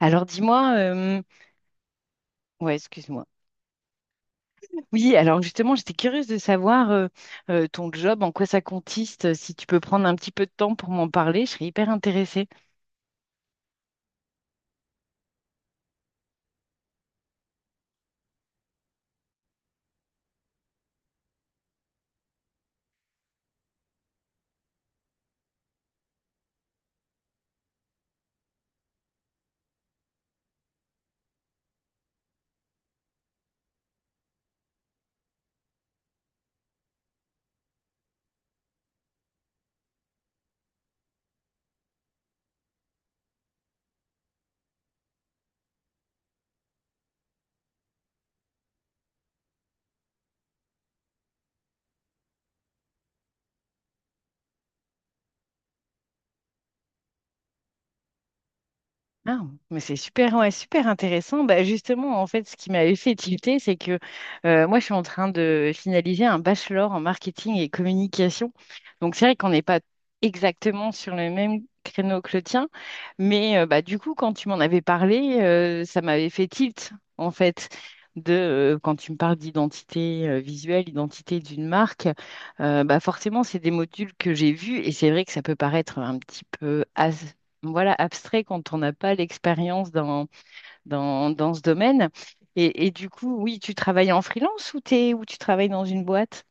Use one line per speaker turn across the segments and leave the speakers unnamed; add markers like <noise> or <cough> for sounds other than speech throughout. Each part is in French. Alors dis-moi, ouais, excuse-moi. Oui, alors justement, j'étais curieuse de savoir ton job, en quoi ça consiste. Si tu peux prendre un petit peu de temps pour m'en parler, je serais hyper intéressée. Ah, mais c'est super, ouais, super intéressant. Bah, justement, en fait, ce qui m'avait fait tilter, c'est que moi, je suis en train de finaliser un bachelor en marketing et communication. Donc, c'est vrai qu'on n'est pas exactement sur le même créneau que le tien, mais bah, du coup, quand tu m'en avais parlé, ça m'avait fait tilt, en fait, de quand tu me parles d'identité visuelle, identité d'une marque, bah, forcément, c'est des modules que j'ai vus et c'est vrai que ça peut paraître un petit peu as voilà, abstrait quand on n'a pas l'expérience dans ce domaine. Et du coup, oui, tu travailles en freelance ou tu travailles dans une boîte?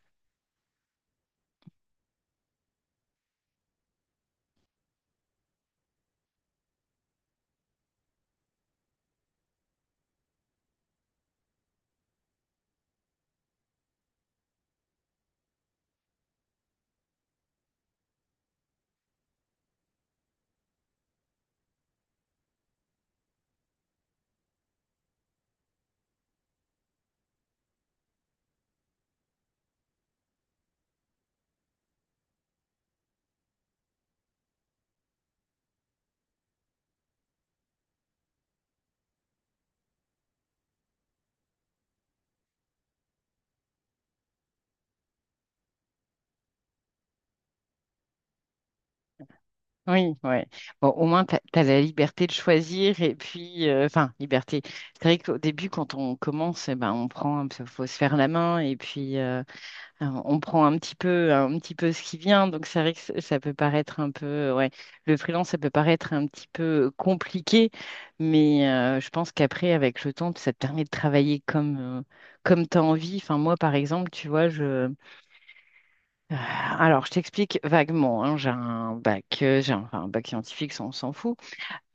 Oui, ouais. Bon, au moins, tu as la liberté de choisir et puis, enfin, liberté. C'est vrai qu'au début, quand on commence, eh ben, on prend faut se faire la main et puis, alors, on prend un petit peu ce qui vient, donc c'est vrai que ça peut paraître un peu, ouais, le freelance, ça peut paraître un petit peu compliqué, mais je pense qu'après, avec le temps, ça te permet de travailler comme tu as envie. Enfin, moi, par exemple, tu vois, alors je t'explique vaguement, hein, j'ai un bac, j'ai un, enfin, un bac scientifique, ça, on s'en fout,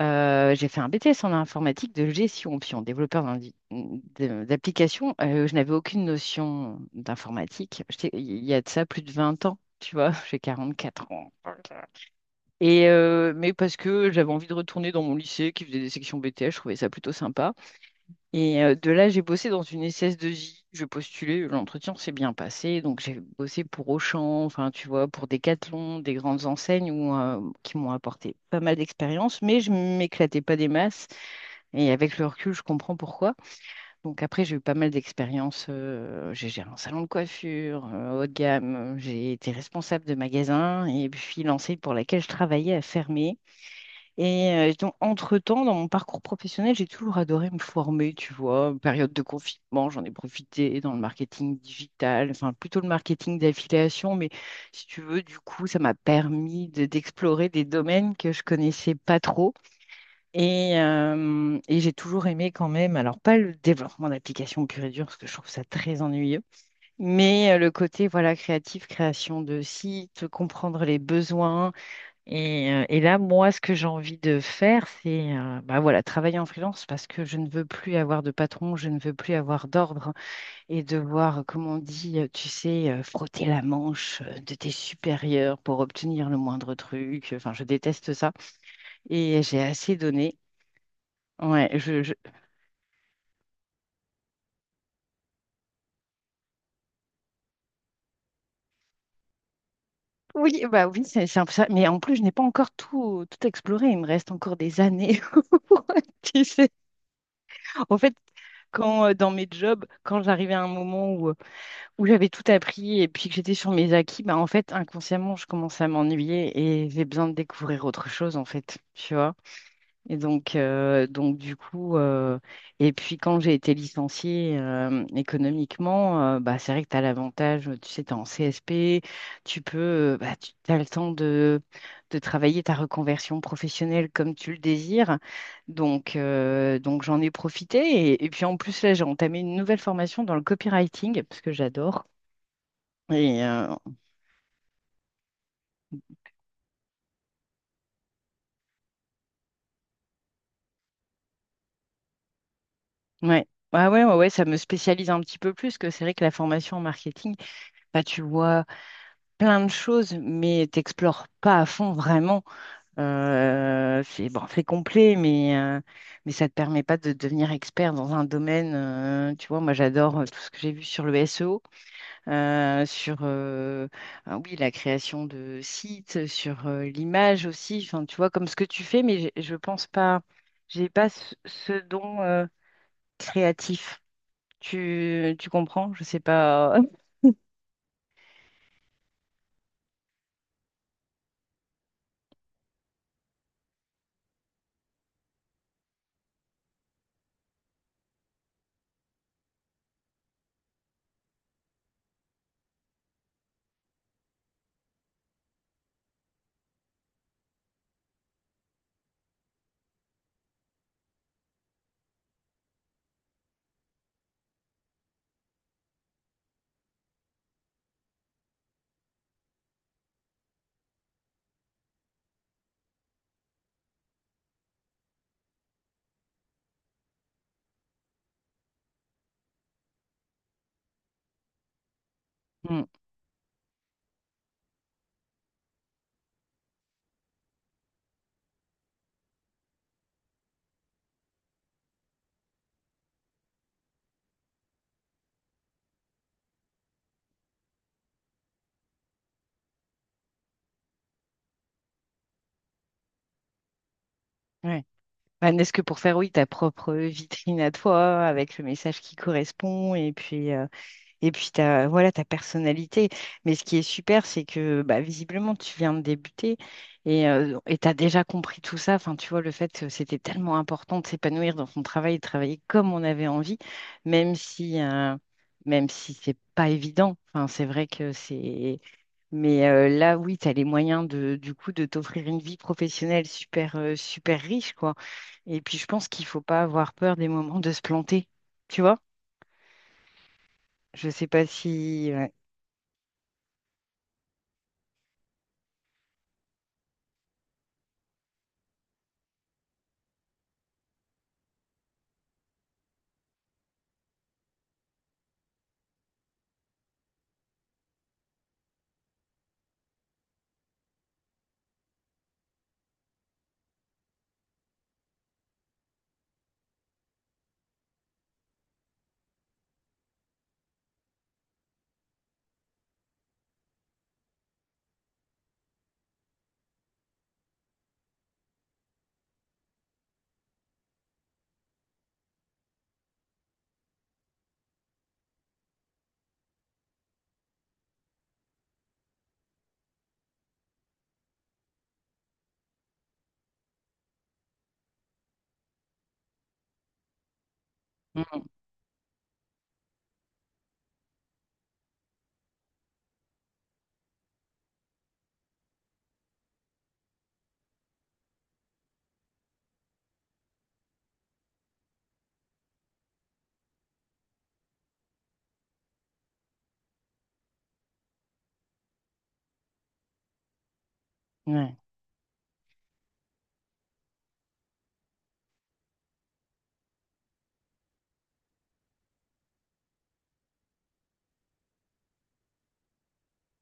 j'ai fait un BTS en informatique de gestion, puis en développeur d'applications. Je n'avais aucune notion d'informatique. Il y a de ça plus de 20 ans, tu vois, <laughs> j'ai 44 ans. Et mais parce que j'avais envie de retourner dans mon lycée qui faisait des sections BTS, je trouvais ça plutôt sympa. Et de là, j'ai bossé dans une SS2I. Je postulais, l'entretien s'est bien passé. Donc, j'ai bossé pour Auchan, enfin, tu vois, pour Decathlon, des grandes enseignes où, qui m'ont apporté pas mal d'expérience, mais je m'éclatais pas des masses. Et avec le recul, je comprends pourquoi. Donc, après, j'ai eu pas mal d'expériences. J'ai géré un salon de coiffure, haut de gamme. J'ai été responsable de magasin. Et puis, l'enseigne pour laquelle je travaillais a fermé. Et donc, entre-temps, dans mon parcours professionnel, j'ai toujours adoré me former, tu vois. Période de confinement, j'en ai profité dans le marketing digital, enfin plutôt le marketing d'affiliation, mais si tu veux, du coup, ça m'a permis d'explorer des domaines que je connaissais pas trop. Et j'ai toujours aimé quand même, alors pas le développement d'applications pur et dur, parce que je trouve ça très ennuyeux, mais le côté, voilà, créatif, création de sites, comprendre les besoins et là, moi, ce que j'ai envie de faire, c'est bah voilà, travailler en freelance parce que je ne veux plus avoir de patron, je ne veux plus avoir d'ordre et devoir, comme on dit, tu sais, frotter la manche de tes supérieurs pour obtenir le moindre truc. Enfin, je déteste ça et j'ai assez donné. Ouais. Oui, bah oui, c'est un peu ça. Mais en plus, je n'ai pas encore tout, tout exploré. Il me reste encore des années. <laughs> Tu sais, en fait, quand dans mes jobs, quand j'arrivais à un moment où j'avais tout appris et puis que j'étais sur mes acquis, bah en fait, inconsciemment, je commençais à m'ennuyer et j'ai besoin de découvrir autre chose, en fait, tu vois. Et donc, du coup, et puis quand j'ai été licenciée économiquement, bah, c'est vrai que tu as l'avantage, tu sais, tu es en CSP, tu peux, bah, tu as le temps de travailler ta reconversion professionnelle comme tu le désires. Donc, j'en ai profité. Et puis en plus, là, j'ai entamé une nouvelle formation dans le copywriting, parce que j'adore. Et euh, ouais. Ah ouais, ouais, ouais, ça me spécialise un petit peu plus, que c'est vrai que la formation en marketing, bah, tu vois plein de choses, mais t'explores pas à fond vraiment. C'est bon, c'est complet, mais ça te permet pas de devenir expert dans un domaine. Tu vois, moi j'adore tout ce que j'ai vu sur le SEO, sur ah oui, la création de sites, sur l'image aussi, enfin, tu vois, comme ce que tu fais, mais je pense pas, j'ai pas ce don créatif. Tu comprends? Je sais pas. <laughs> Mm, ouais. Bah, n'est-ce que pour faire, oui, ta propre vitrine à toi, avec le message qui correspond, et puis, et puis ta, voilà, ta personnalité. Mais ce qui est super, c'est que bah, visiblement, tu viens de débuter et tu as déjà compris tout ça. Enfin, tu vois, le fait que c'était tellement important de s'épanouir dans son travail, de travailler comme on avait envie, même si, euh, même si c'est pas évident. Enfin, c'est vrai que c'est. Mais là, oui, tu as les moyens de, du coup, de t'offrir une vie professionnelle super, super riche, quoi. Et puis, je pense qu'il faut pas avoir peur des moments de se planter. Tu vois? Je sais pas si... ouais. Mm, ouais.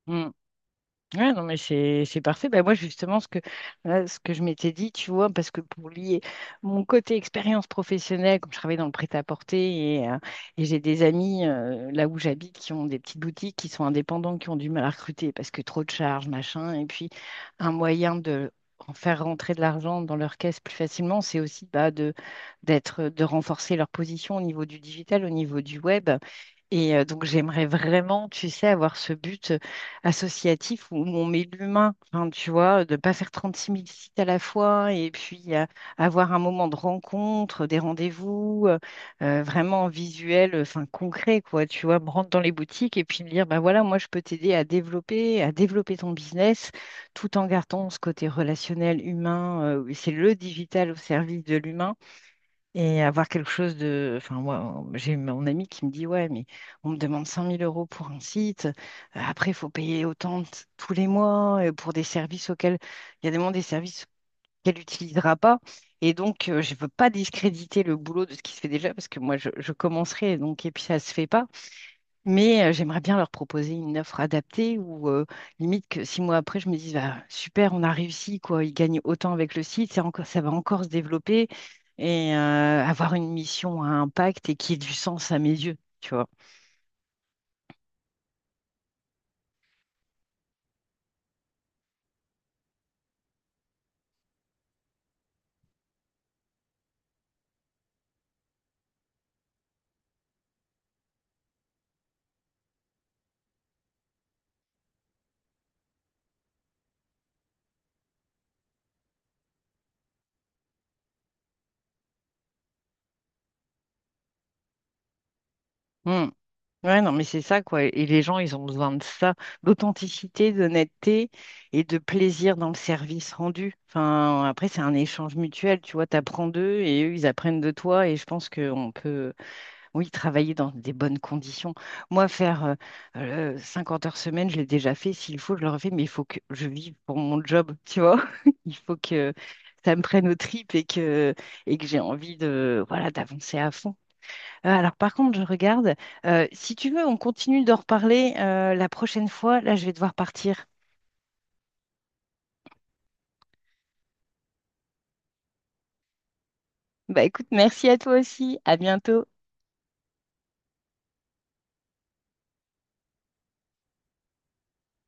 Mm. Ouais, non, mais c'est parfait. Bah, moi, justement, ce que je m'étais dit, tu vois, parce que pour lier mon côté expérience professionnelle, comme je travaille dans le prêt-à-porter et j'ai des amis là où j'habite qui ont des petites boutiques, qui sont indépendants, qui ont du mal à recruter parce que trop de charges, machin. Et puis, un moyen de en faire rentrer de l'argent dans leur caisse plus facilement, c'est aussi bah, de renforcer leur position au niveau du digital, au niveau du web. Et donc, j'aimerais vraiment, tu sais, avoir ce but associatif où on met l'humain, enfin, tu vois, de pas faire trente-six mille sites à la fois et puis avoir un moment de rencontre, des rendez-vous, vraiment visuel, enfin concret, quoi, tu vois, me rendre dans les boutiques et puis me dire, ben voilà, moi je peux t'aider à développer, ton business tout en gardant ce côté relationnel humain, c'est le digital au service de l'humain. Et avoir quelque chose de... Enfin, moi, j'ai mon ami qui me dit, ouais, mais on me demande 100 000 euros pour un site. Après, il faut payer autant tous les mois pour des services auxquels... Il y a des moments des services qu'elle n'utilisera pas. Et donc, je ne veux pas discréditer le boulot de ce qui se fait déjà parce que moi, je commencerai. Donc, et puis, ça ne se fait pas. Mais j'aimerais bien leur proposer une offre adaptée ou limite que 6 mois après, je me dise, bah, super, on a réussi, quoi. Ils gagnent autant avec le site, c'est encore, ça va encore se développer et avoir une mission à impact et qui ait du sens à mes yeux, tu vois. Hmm. Ouais, non, mais c'est ça, quoi. Et les gens, ils ont besoin de ça, d'authenticité, d'honnêteté et de plaisir dans le service rendu. Enfin, après, c'est un échange mutuel, tu vois, t'apprends d'eux et eux, ils apprennent de toi. Et je pense qu'on peut. Oui, travailler dans des bonnes conditions. Moi, faire 50 heures semaine, je l'ai déjà fait. S'il faut, je le refais, mais il faut que je vive pour mon job, tu vois. <laughs> Il faut que ça me prenne aux tripes et que j'ai envie de, voilà, d'avancer à fond. Alors, par contre, je regarde. Si tu veux, on continue d'en reparler la prochaine fois. Là, je vais devoir partir. Bah écoute, merci à toi aussi. À bientôt.